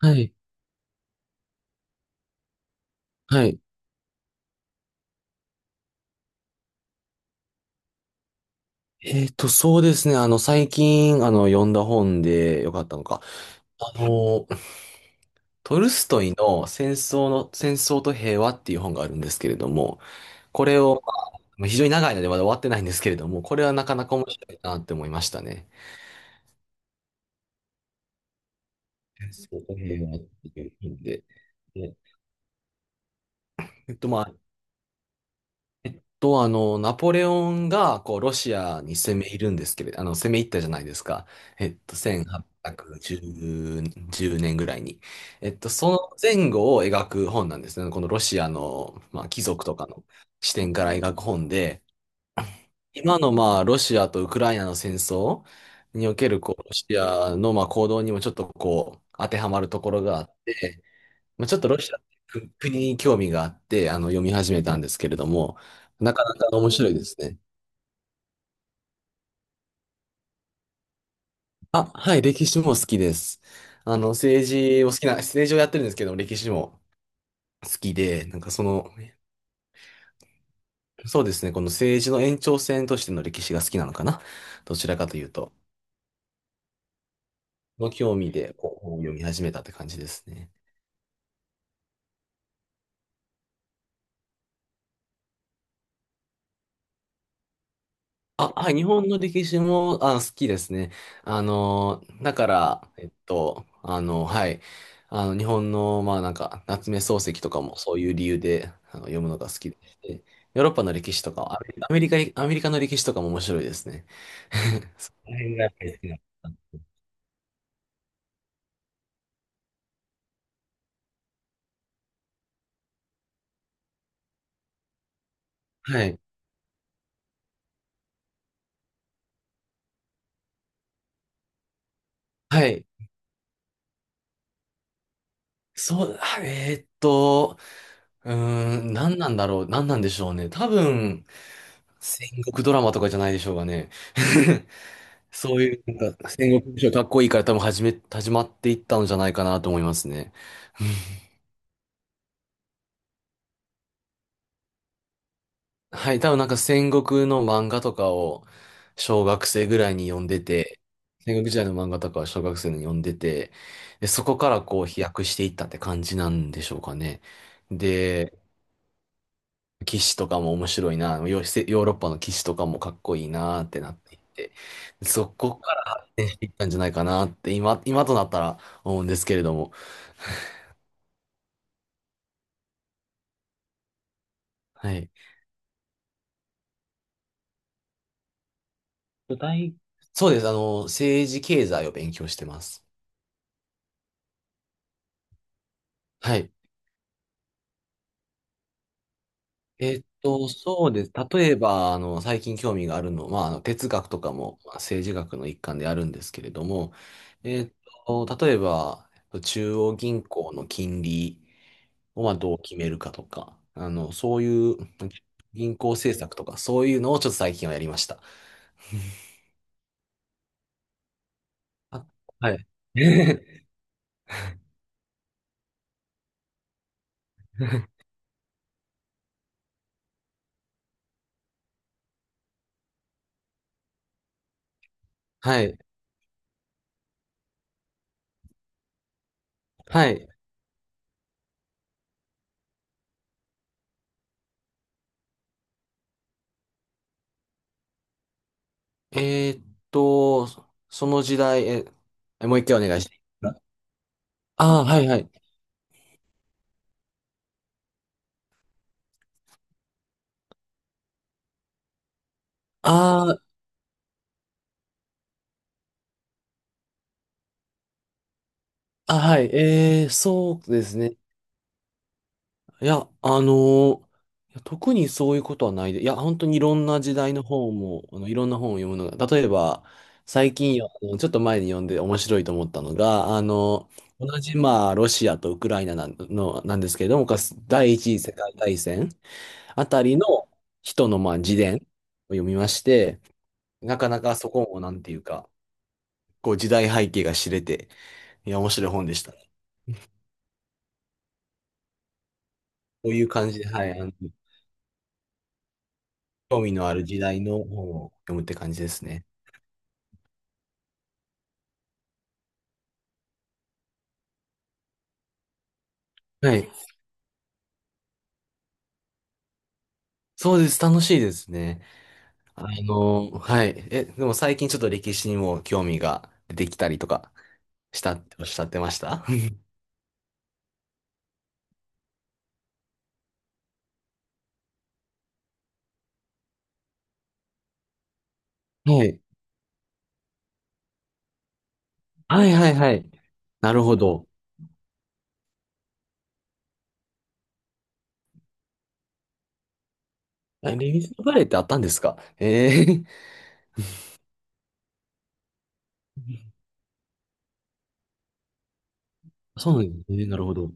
はい。はい。そうですね。最近、読んだ本でよかったのか。あの、トルストイの戦争と平和っていう本があるんですけれども、これを、まあ、非常に長いのでまだ終わってないんですけれども、これはなかなか面白いなって思いましたね。戦争と平和っていう本で。でまあ、ナポレオンが、こう、ロシアに攻め入るんですけれど、攻め入ったじゃないですか。1810年ぐらいに。その前後を描く本なんですね。このロシアの、まあ、貴族とかの視点から描く本で、今の、まあ、ロシアとウクライナの戦争における、こう、ロシアの、まあ、行動にもちょっと、こう、当てはまるところがあって、まあ、ちょっとロシアっていう国に興味があって、読み始めたんですけれども、なかなか面白いですね。あ、はい、歴史も好きです。政治をやってるんですけど歴史も好きで、なんかその、そうですね、この政治の延長線としての歴史が好きなのかな。どちらかというと、の興味でこう本を読み始めたって感じですね。あ、はい、日本の歴史も、あ、好きですね。だから、はい、日本の、まあ、なんか、夏目漱石とかもそういう理由で、読むのが好きでして、ヨーロッパの歴史とか、アメリカの歴史とかも面白いですね。この辺がやっぱり好きだった。はい、はい、そう、うーん、何なんだろう、何なんでしょうね。多分、戦国ドラマとかじゃないでしょうかね。そういう、なんか、戦国武将かっこいいから多分始まっていったんじゃないかなと思いますね。はい、多分なんか戦国の漫画とかを小学生ぐらいに読んでて、戦国時代の漫画とかは小学生に読んでて、で、そこからこう飛躍していったって感じなんでしょうかね。で、騎士とかも面白いな、ヨーロッパの騎士とかもかっこいいなってなっていって、そこから発展していったんじゃないかなって今となったら思うんですけれども。はい。具体、そうです。政治経済を勉強してます。はい。そうです。例えば、最近興味があるのは、まあ、哲学とかも、まあ政治学の一環であるんですけれども、えっ例えば、中央銀行の金利を、まあ、どう決めるかとか、そういう銀行政策とか、そういうのをちょっと最近はやりました。あ、はい。はい。はい。えーっその時代、え、えもう一回お願いして。ああ、はいはい。あーあ、はい。そうですね。いや、ーいや特にそういうことはないで。いや、本当にいろんな時代の本も、いろんな本を読むのが、例えば、最近よ、あのちょっと前に読んで面白いと思ったのが、同じ、まあ、ロシアとウクライナなんですけれども、かつ第一次世界大戦あたりの人の、まあ、自伝を読みまして、なかなかそこもなんていうか、こう時代背景が知れて、いや、面白い本でした。こういう感じで、はい、興味のある時代の本を読むって感じですね。はい。そうです。楽しいですね。はい。え、でも最近ちょっと歴史にも興味が出てきたりとかしたっておっしゃってました？ はい。はいはいはい。なるほど。え、レミスのバレエってあったんですか？ええ。 そうなんですね。なるほど。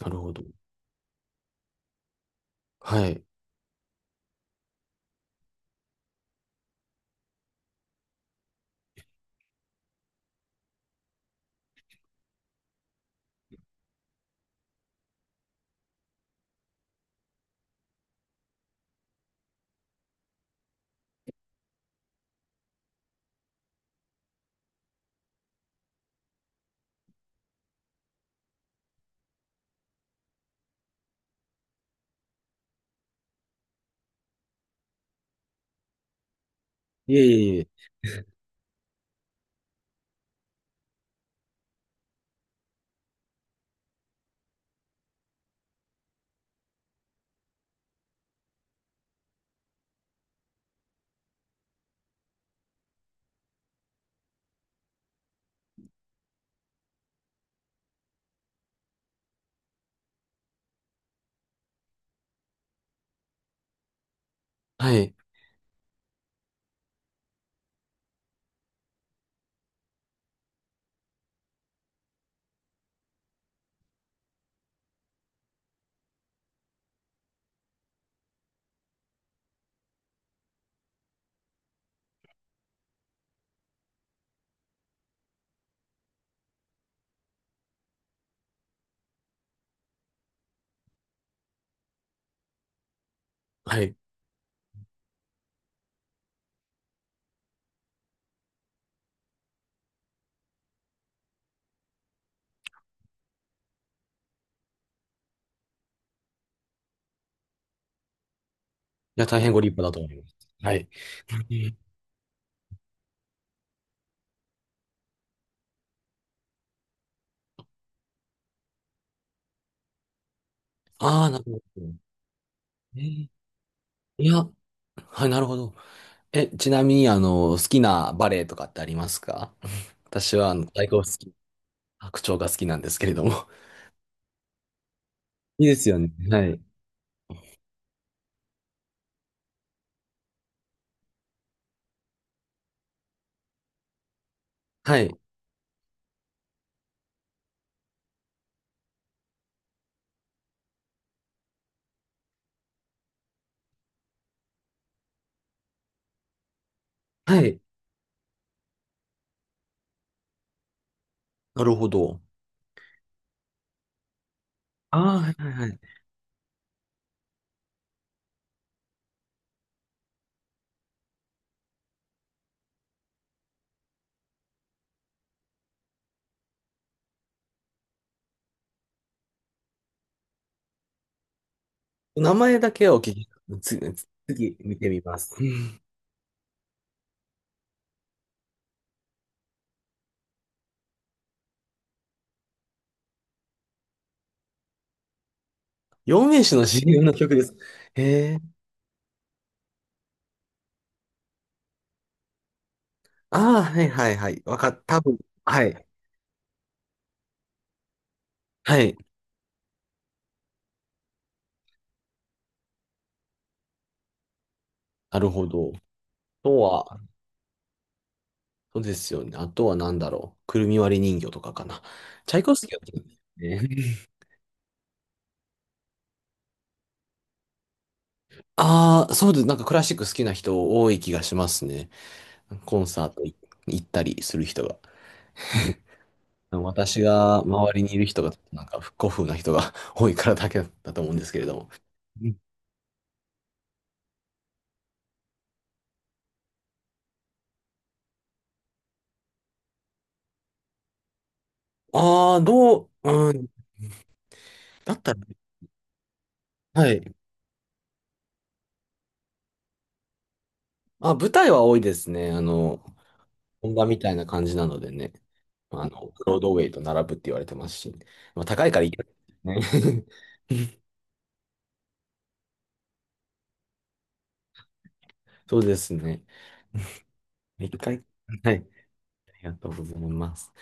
なるほど。はい。いえいえいえ。はい。はい。や、大変ご立派だと思います。はい。ああ、なるほど。えーいや、はい、なるほど。え、ちなみに、好きなバレエとかってありますか？私は、太鼓好き、白鳥が好きなんですけれども。いいですよね。はい。はい。はい。なるほど。ああ、はいはいはい。名前だけはお聞き、つ次見てみます。四名手の CM の曲です。へえ。ああ、はいはいはい。わかった。多分。はい。はい。なるほど。あとは、そうですよね。あとは何だろう。くるみ割り人形とかかな。チャイコフスキーは好きなんですね。ああ、そうです。なんかクラシック好きな人多い気がしますね。コンサート行ったりする人が。私が周りにいる人が、なんか古風な人が 多いからだけだと思うんですけれども。ああー、うん、だったら、はい。あ、舞台は多いですね。本場みたいな感じなのでね、ブロードウェイと並ぶって言われてますし、まあ、高いからいいけどね。そうですね。一回、はい、ありがとうございます。